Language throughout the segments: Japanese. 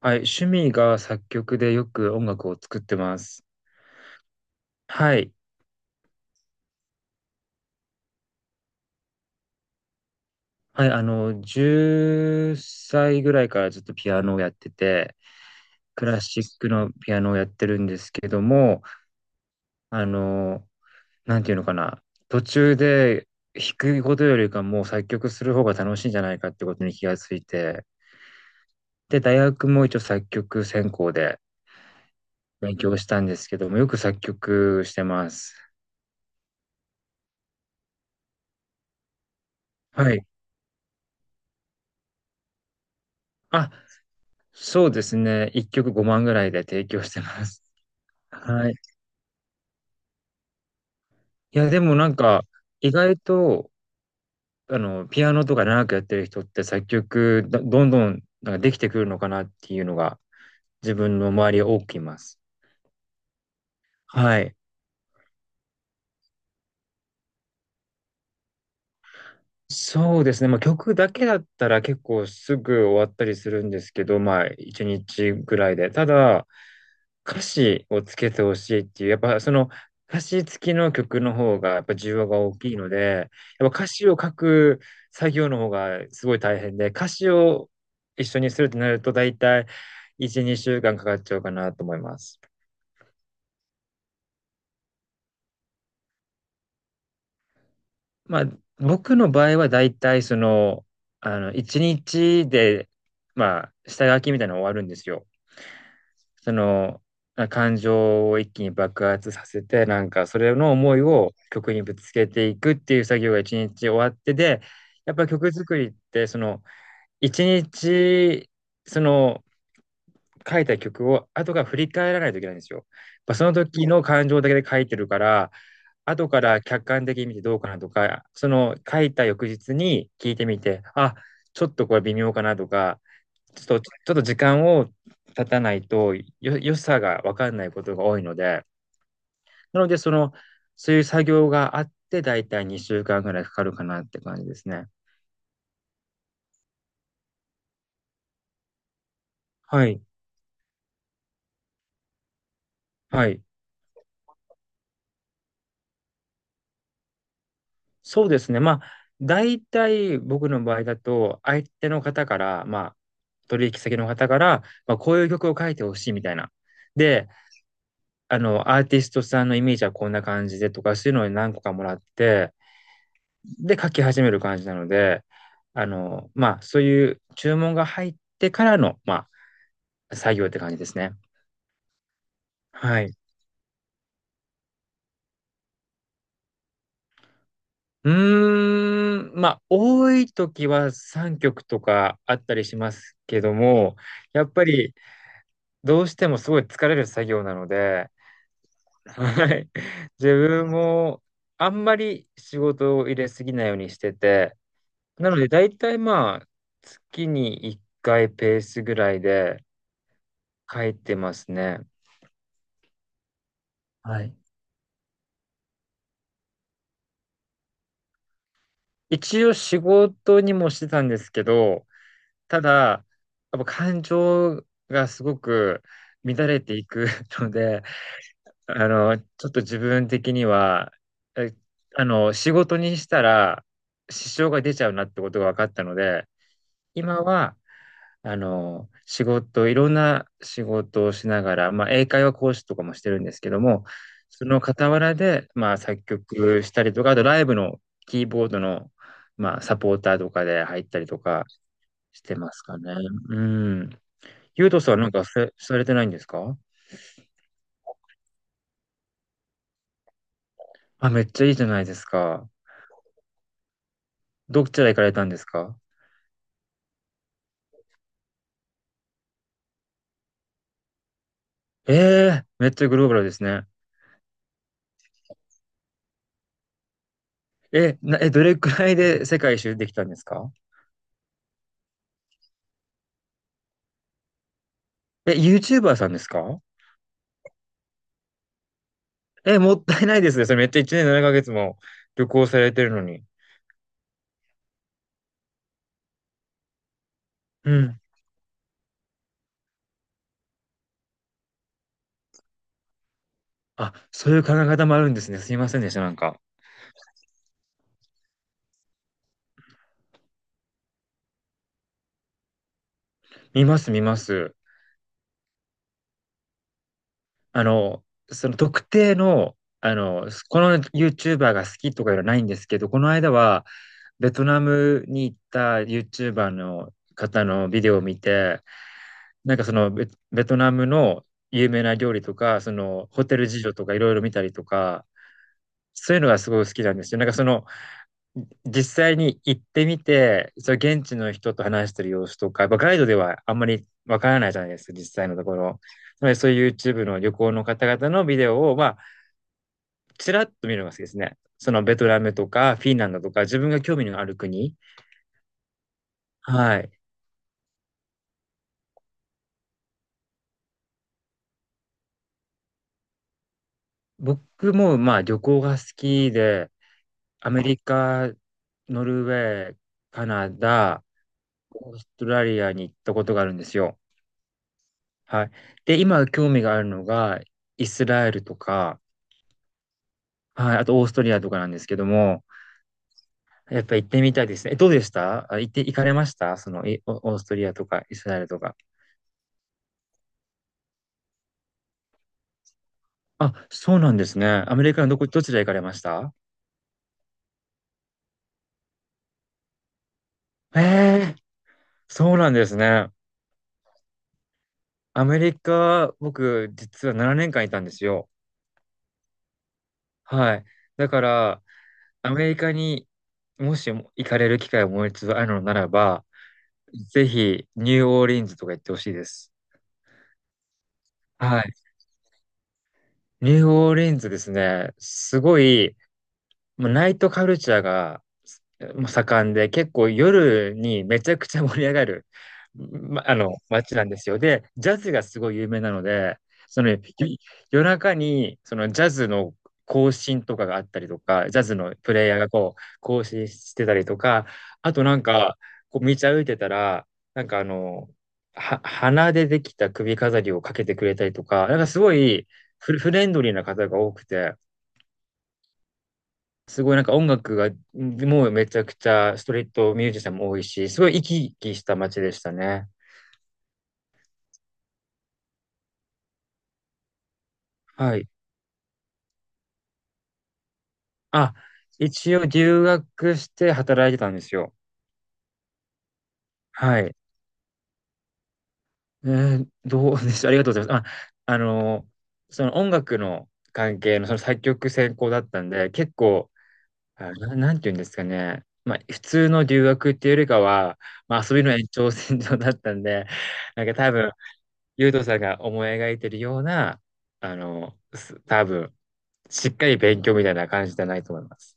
はい、趣味が作曲でよく音楽を作ってます。はい。はい、10歳ぐらいからずっとピアノをやってて、クラシックのピアノをやってるんですけども、あの、なんていうのかな、途中で弾くことよりかもう作曲する方が楽しいんじゃないかってことに気がついて、で、大学も一応作曲専攻で勉強したんですけども、よく作曲してます。はい。あ、そうですね。1曲5万ぐらいで提供してます。はい。いや、でもなんか、意外と、ピアノとか長くやってる人って作曲どんどんなんかできてくるのかなっていうのが、自分の周り多くいます。はい。そうですね。まあ、曲だけだったら結構すぐ終わったりするんですけど、まあ、1日ぐらいで。ただ、歌詞をつけてほしいっていう、やっぱその歌詞付きの曲の方がやっぱ需要が大きいので、やっぱ歌詞を書く作業の方がすごい大変で、歌詞を一緒にするとなると大体1、2週間かんかかっちゃうかなと思います。まあ僕の場合は大体その、1日で、まあ下書きみたいなの終わるんですよ。その、感情を一気に爆発させて、なんかそれの思いを曲にぶつけていくっていう作業が一日終わってで、やっぱ曲作りってその一日その書いた曲を後から振り返らないといけないんですよ。やっぱその時の感情だけで書いてるから、後から客観的に見てどうかなとか、その書いた翌日に聞いてみて、あ、ちょっとこれ微妙かなとか、ちょっと時間を経たないと良さが分かんないことが多いので、なので、その、そういう作業があって、だいたい2週間ぐらいかかるかなって感じですね。はい。はい。そうですね。まあ、大体僕の場合だと、相手の方から、まあ、取引先の方から、まあ、こういう曲を書いてほしいみたいな。で、アーティストさんのイメージはこんな感じでとか、そういうのを何個かもらって、で書き始める感じなので、まあ、そういう注文が入ってからの、まあ、作業って感じですね。はい。うーん、まあ、多い時は3曲とかあったりしますけども、やっぱりどうしてもすごい疲れる作業なので、はい。自分もあんまり仕事を入れすぎないようにしてて、なので大体まあ、月に1回ペースぐらいで書いてますね。はい。一応仕事にもしてたんですけど、ただ、やっぱ感情がすごく乱れていく ので、ちょっと自分的には、えあの、仕事にしたら支障が出ちゃうなってことが分かったので、今は仕事、いろんな仕事をしながら、まあ、英会話講師とかもしてるんですけども、その傍らで、まあ、作曲したりとか、あとライブのキーボードの、まあ、サポーターとかで入ったりとかしてますかね。うん。ゆうとさんはなんかされてないんですか？あ、めっちゃいいじゃないですか。どちら行かれたんですか？ええー、めっちゃグローバルですね。え、な、え、どれくらいで世界一周できたんですか？え、YouTuber さんですか？え、もったいないですね。それめっちゃ1年7ヶ月も旅行されてるのに。うん。あ、そういう考え方もあるんですね。すいませんでした。なんか。見ます、見ます。あの、その特定の、この YouTuber が好きとかいうのはないんですけど、この間はベトナムに行った YouTuber の方のビデオを見て、なんかそのベトナムの有名な料理とか、そのホテル事情とかいろいろ見たりとか、そういうのがすごい好きなんですよ。なんかその実際に行ってみて、それ現地の人と話してる様子とか、やっぱガイドではあんまりわからないじゃないですか、実際のところ。つまりそういう YouTube の旅行の方々のビデオを、まあ、ちらっと見るのが好きですね。そのベトナムとかフィンランドとか自分が興味のある国。はい。僕もまあ旅行が好きで、アメリカ、ノルウェー、カナダ、オーストラリアに行ったことがあるんですよ。はい。で、今興味があるのがイスラエルとか、はい、あとオーストリアとかなんですけども、やっぱ行ってみたいですね。え、どうでした？あ、行って、行かれましたその、オーストリアとかイスラエルとか？あ、そうなんですね。アメリカのどちら行かれました？ええ、そうなんですね。アメリカ、僕、実は7年間いたんですよ。はい。だから、アメリカにもし行かれる機会をもう一度あるのならば、ぜひ、ニューオーリンズとか行ってほしいです。はい。ニューオーリンズですね。すごい、もうナイトカルチャーがもう盛んで、結構夜にめちゃくちゃ盛り上がる、ま、街なんですよ。で、ジャズがすごい有名なので、その、夜中に、そのジャズの更新とかがあったりとか、ジャズのプレイヤーがこう、更新してたりとか、あとなんか、こう道歩いてたら、なんか花でできた首飾りをかけてくれたりとか、なんかすごいフルフレンドリーな方が多くて、すごいなんか音楽が、もうめちゃくちゃストリートミュージシャンも多いし、すごい生き生きした街でしたね。はい。あ、一応留学して働いてたんですよ。はい。えどうでした？ありがとうございます。あ、その音楽の関係のその作曲専攻だったんで、結構、あ、なんていうんですかね。まあ、普通の留学っていうよりかは、まあ、遊びの延長線上だったんで、なんか多分、ゆうとさんが思い描いてるような、多分、しっかり勉強みたいな感じじゃないと思います。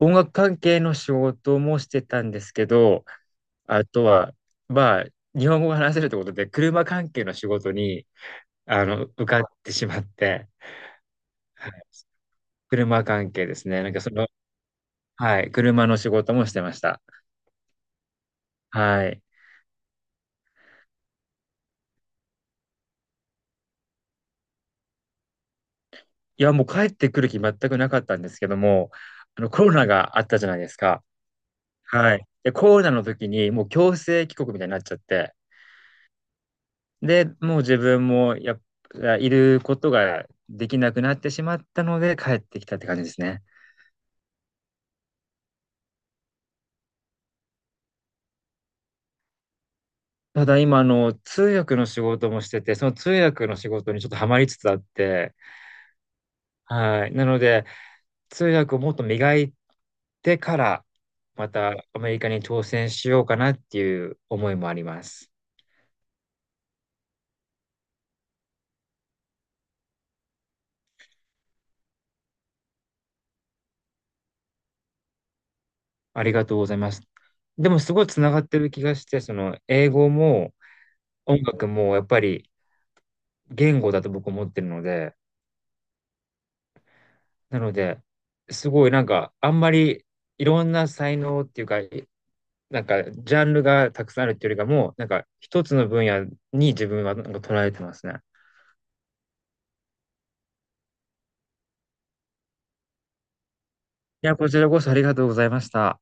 音楽関係の仕事もしてたんですけど、あとは、まあ、日本語が話せるってことで、車関係の仕事に、受かってしまって、はい、車関係ですね。なんかその、はい、車の仕事もしてました。はい。いや、もう帰ってくる気全くなかったんですけども、コロナがあったじゃないですか。はい。で、コロナの時にもう強制帰国みたいになっちゃって、で、もう自分もやっぱいることができなくなってしまったので帰ってきたって感じですね。ただ今、通訳の仕事もしてて、その通訳の仕事にちょっとハマりつつあって、はい。なので、通訳をもっと磨いてから、またアメリカに挑戦しようかなっていう思いもあります。ありがとうございます。でもすごいつながってる気がして、その英語も、音楽もやっぱり言語だと僕思ってるので、なので、すごいなんかあんまりいろんな才能っていうか、なんかジャンルがたくさんあるっていうよりかも、なんか一つの分野に自分はなんか捉えてますね。いや、こちらこそありがとうございました。